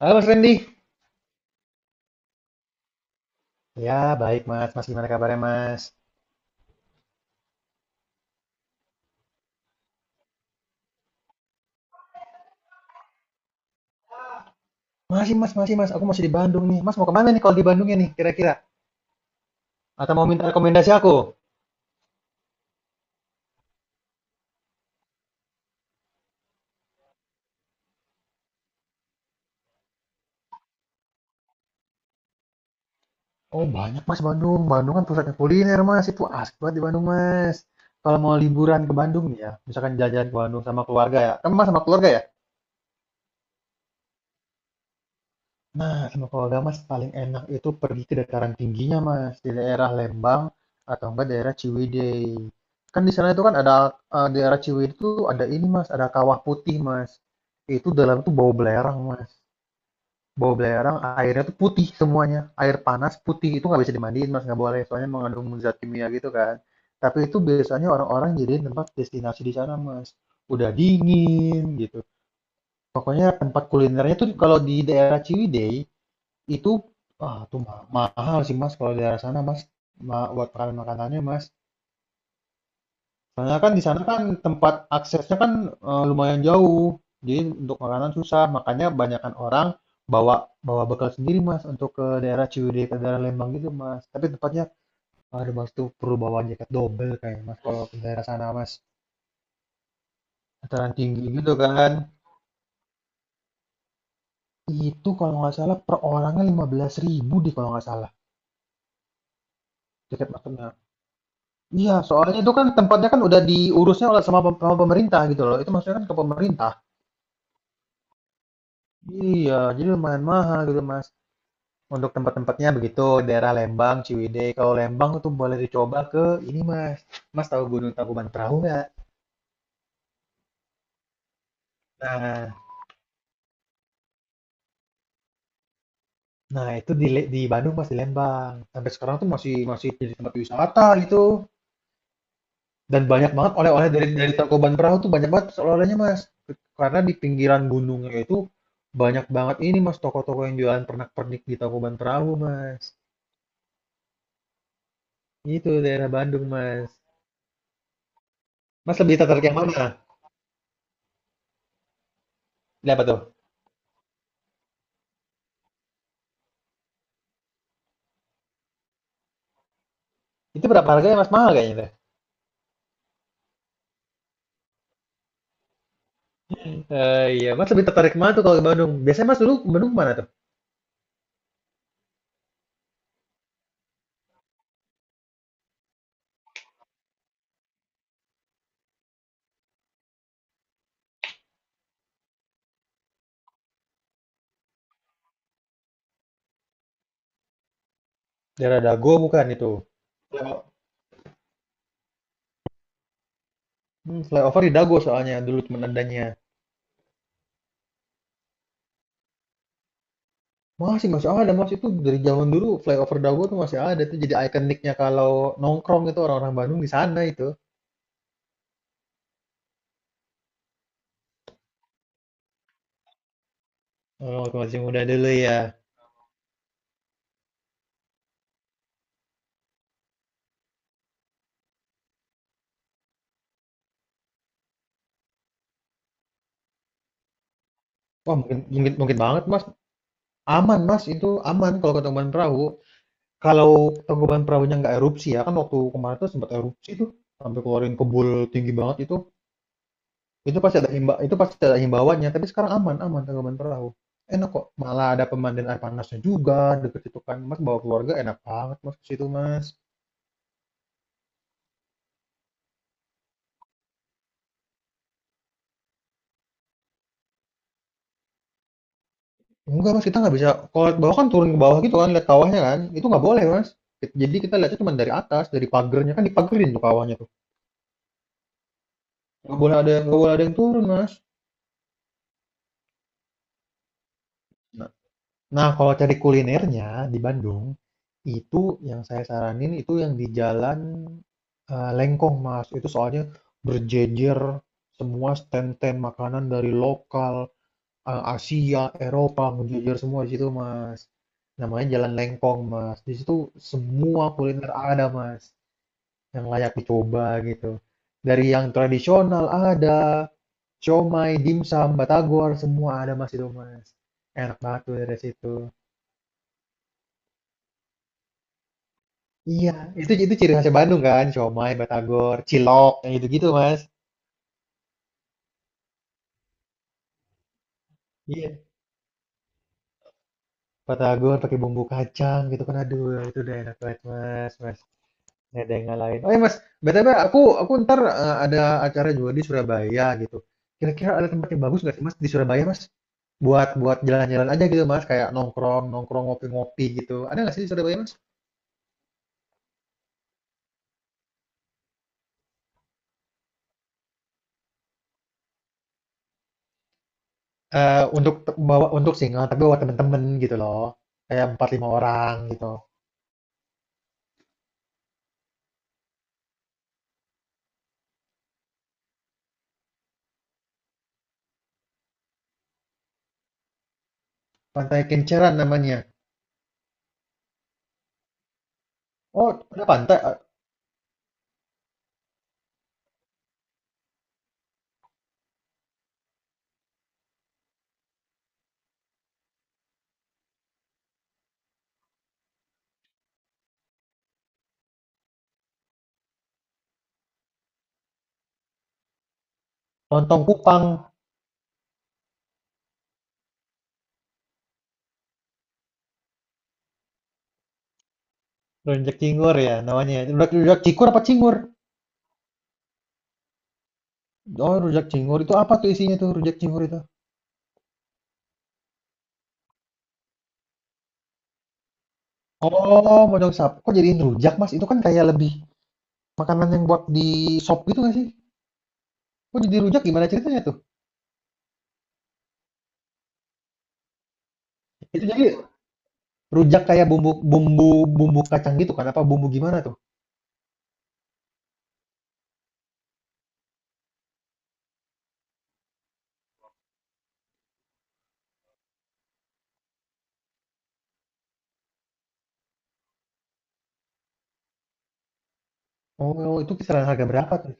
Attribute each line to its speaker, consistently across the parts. Speaker 1: Halo Mas Randy. Ya, baik Mas. Mas gimana kabarnya Mas? Masih Mas, masih Mas. Aku masih di Bandung nih. Mas mau kemana nih kalau di Bandungnya nih kira-kira? Atau mau minta rekomendasi aku? Oh banyak Mas Bandung. Bandung kan pusatnya kuliner Mas. Itu asik banget di Bandung Mas. Kalau mau liburan ke Bandung nih ya, misalkan jalan-jalan ke Bandung sama keluarga ya. Kamu Mas sama keluarga ya? Nah, sama Powder, Mas, paling enak itu pergi ke dataran tingginya, Mas, di daerah Lembang atau enggak daerah Ciwidey. Kan di sana itu kan ada daerah Ciwidey itu ada ini, Mas, ada kawah putih, Mas. Itu dalam itu bau belerang, Mas. Bau belerang, airnya tuh putih semuanya. Air panas putih itu nggak bisa dimandiin, Mas, nggak boleh, soalnya mengandung zat kimia gitu kan. Tapi itu biasanya orang-orang jadi tempat destinasi di sana, Mas. Udah dingin gitu. Pokoknya tempat kulinernya tuh kalau di daerah Ciwidey itu tuh mahal sih Mas kalau di daerah sana Mas. Buat makanan-makanannya Mas. Karena kan di sana kan tempat aksesnya kan lumayan jauh. Jadi untuk makanan susah, makanya banyakkan orang bawa bawa bekal sendiri Mas untuk ke daerah Ciwidey ke daerah Lembang gitu Mas. Tapi tempatnya ada Mas tuh perlu bawa jaket double kayak Mas kalau ke daerah sana Mas. Dataran tinggi gitu kan. Itu kalau nggak salah per orangnya 15 ribu deh kalau nggak salah. Jaket maksudnya. Iya, soalnya itu kan tempatnya kan udah diurusnya oleh sama pemerintah gitu loh, itu maksudnya kan ke pemerintah. Iya, jadi lumayan mahal gitu Mas, untuk tempat-tempatnya begitu, daerah Lembang, Ciwidey. Kalau Lembang itu boleh dicoba ke ini Mas, Mas tahu Gunung Tangkuban Perahu nggak? Nah, nah, itu di di Bandung Mas, di Lembang. Sampai sekarang tuh masih masih jadi tempat wisata gitu. Dan banyak banget oleh-oleh dari Tangkuban Perahu tuh banyak banget oleh-olehnya, Mas. Karena di pinggiran gunungnya itu banyak banget ini, Mas, toko-toko yang jualan pernak-pernik di Tangkuban Perahu, Mas. Itu daerah Bandung, Mas. Mas lebih tertarik yang mana? Lihat apa tuh? Itu berapa harganya, Mas? Mahal kayaknya tuh. Eh, iya, Mas lebih tertarik mana tuh kalau ke Bandung? Biasanya Mas dulu ke Bandung mana tuh? Daerah Dago bukan itu? Flyo- Flyover di Dago soalnya dulu temen adanya. Masih masih ada Mas, itu dari zaman dulu flyover Dago tuh masih ada tuh jadi ikoniknya kalau nongkrong itu orang-orang Bandung di sana itu. Oh, waktu masih muda dulu ya. Wah, mungkin mungkin mungkin banget Mas. Aman Mas, itu aman kalau ke Tangkuban Perahu. Kalau Tangkuban Perahunya nggak erupsi ya, kan waktu kemarin tuh sempat erupsi tuh sampai keluarin kebul tinggi banget itu. Itu pasti ada himbauannya, tapi sekarang aman aman Tangkuban Perahu. Enak kok, malah ada pemandian air panasnya juga deket itu kan. Mas bawa keluarga enak banget Mas ke situ Mas. Enggak, Mas, kita nggak bisa kalau lihat bawah kan turun ke bawah gitu kan, lihat kawahnya kan. Itu nggak boleh, Mas. Jadi kita lihatnya cuma dari atas, dari pagernya kan dipagerin tuh kawahnya tuh. Nggak boleh ada yang turun, Mas. Nah, nah, kalau cari kulinernya di Bandung, itu yang saya saranin itu yang di Jalan Lengkong, Mas. Itu soalnya berjejer semua stand-stand makanan dari lokal, Asia, Eropa, menjejol semua di situ, Mas. Namanya Jalan Lengkong, Mas. Di situ semua kuliner ada, Mas, yang layak dicoba gitu. Dari yang tradisional ada, siomay, dimsum, batagor, semua ada, Mas, itu, Mas. Enak banget tuh dari situ. Iya, itu ciri khasnya Bandung kan, siomay, batagor, cilok, yang gitu-gitu, Mas. Iya, batagor pakai bumbu kacang gitu kan, aduh, itu udah enak banget, Mas Mas. Nggak ada yang ngalahin. Oh ya Mas, BTW aku ntar ada acara juga di Surabaya gitu. Kira-kira ada tempat yang bagus nggak sih Mas di Surabaya Mas? Buat buat jalan-jalan aja gitu Mas, kayak nongkrong nongkrong ngopi-ngopi gitu. Ada nggak sih di Surabaya Mas? Bawa untuk single tapi bawa temen-temen gitu loh. Kayak empat lima orang gitu. Pantai Kenceran namanya. Oh ada pantai, eh, Lontong Kupang, Rujak Cingur ya namanya. Rujak, rujak Cikur apa Cingur? Oh rujak Cingur itu apa tuh isinya tuh rujak Cingur itu? Oh, modal sapi. Kok jadiin rujak, Mas? Itu kan kayak lebih makanan yang buat di shop gitu nggak sih? Kok jadi rujak gimana ceritanya tuh? Itu jadi rujak kayak bumbu bumbu bumbu kacang gitu kan? Apa bumbu gimana tuh? Oh, oh, itu kisaran harga berapa tuh?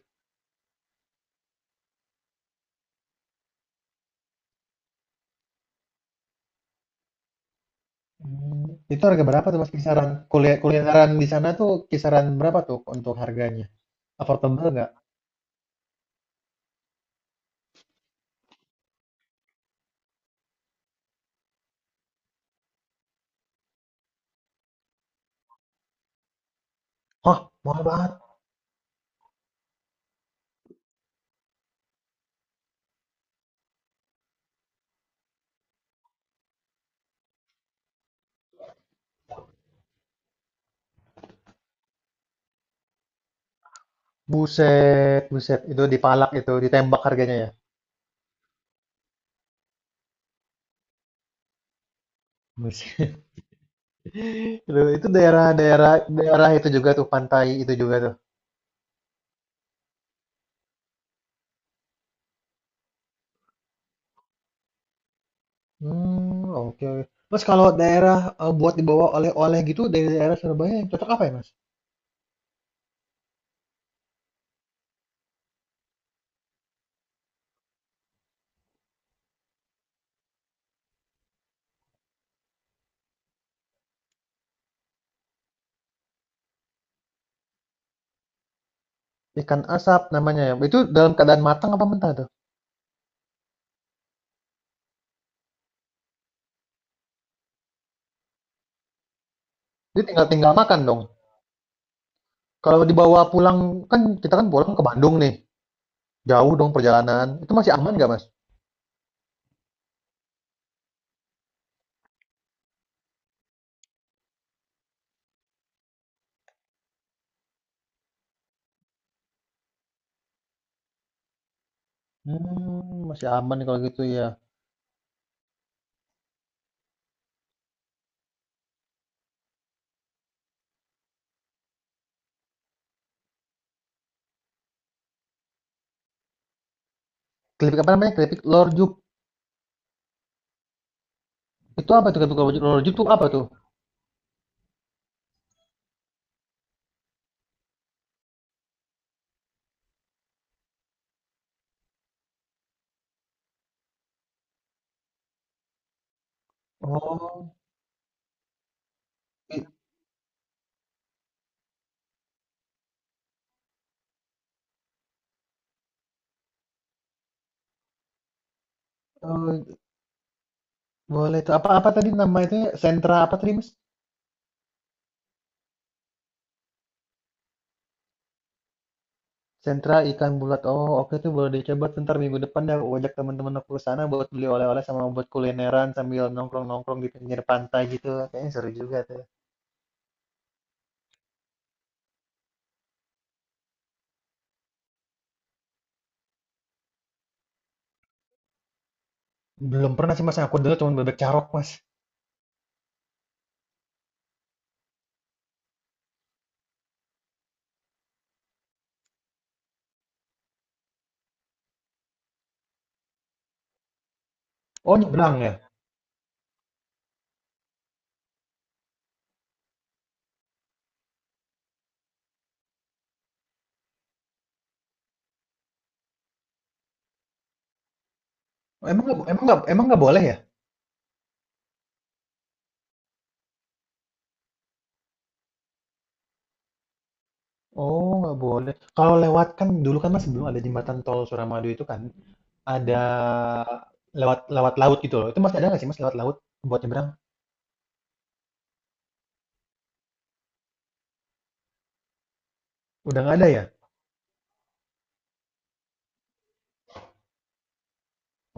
Speaker 1: Hmm, Itu harga berapa tuh Mas kisaran? Kulineran di sana tuh kisaran berapa tuh untuk harganya? Affordable nggak? Hah, mahal banget. Buset, buset. Itu dipalak itu, ditembak harganya ya. Buset. Itu daerah-daerah daerah itu juga tuh pantai itu juga tuh. Hmm, oke oke. Mas, kalau daerah, buat dibawa oleh-oleh gitu dari daerah Surabaya yang cocok apa ya, Mas? Ikan asap namanya ya? Itu dalam keadaan matang apa mentah tuh? Itu tinggal tinggal makan dong? Kalau dibawa pulang kan kita kan pulang ke Bandung nih, jauh dong perjalanan, itu masih aman nggak, Mas? Masih aman kalau gitu ya. Keripik apa namanya? Keripik lorjuk, itu apa tuh keripik lorjuk lorjuk tuh apa tuh? Oh, itu, boleh tuh. Apa apa tadi nama itunya sentra apa tadi, Mas? Sentra ikan bulat. Oh, oke tuh boleh dicoba tuh ntar minggu depan dah aku ajak teman temen aku ke sana buat beli oleh-oleh sama buat kulineran sambil nongkrong-nongkrong di pinggir pantai gitu. Kayaknya seru juga tuh. Belum pernah sih mas, yang aku dengar cuma bebek carok mas. Oh nyebrang ya? Emang nggak boleh ya? Oh nggak boleh. Kalau lewat kan dulu kan mas sebelum ada jembatan tol Suramadu itu kan ada lewat lewat laut gitu loh. Itu masih ada nggak sih mas lewat laut buat nyebrang? Udah nggak ada ya?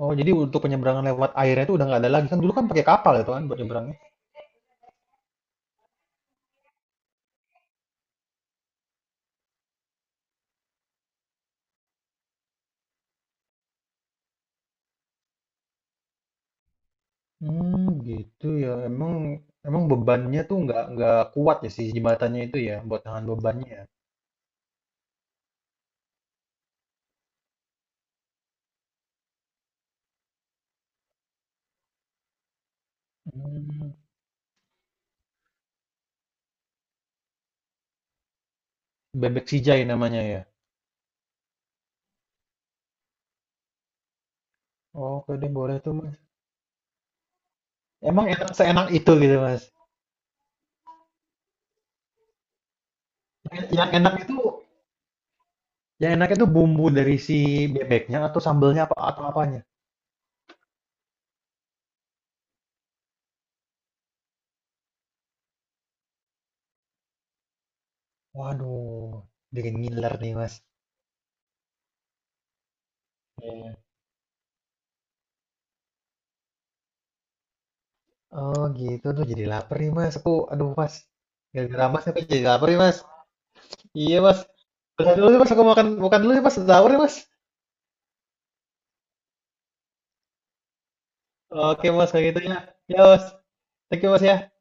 Speaker 1: Oh jadi untuk penyeberangan lewat airnya itu udah nggak ada lagi kan dulu kan pakai kapal itu kan buat nyebrangnya. Hmm Gitu ya. Emang emang bebannya tuh nggak kuat ya si jembatannya itu ya, buat tahan bebannya ya? Mmm, Bebek Sijai namanya ya? Oke deh boleh tuh, Mas. Emang enak seenak itu gitu, Mas? Yang enak itu yang enak itu bumbu dari si bebeknya atau sambelnya apa atau apanya? Waduh, bikin ngiler nih, Mas. Iya. Oh gitu, tuh jadi lapar nih, Mas, aku. Aduh, Mas, gara-gara Mas aku jadi laper nih, Mas. Iya, Mas. Udah dulu nih, Mas, aku makan makan dulu nih, Mas, sahur nih, Mas. Oke, bos kayak gitu ya. Ya, bos, thank you, bos ya.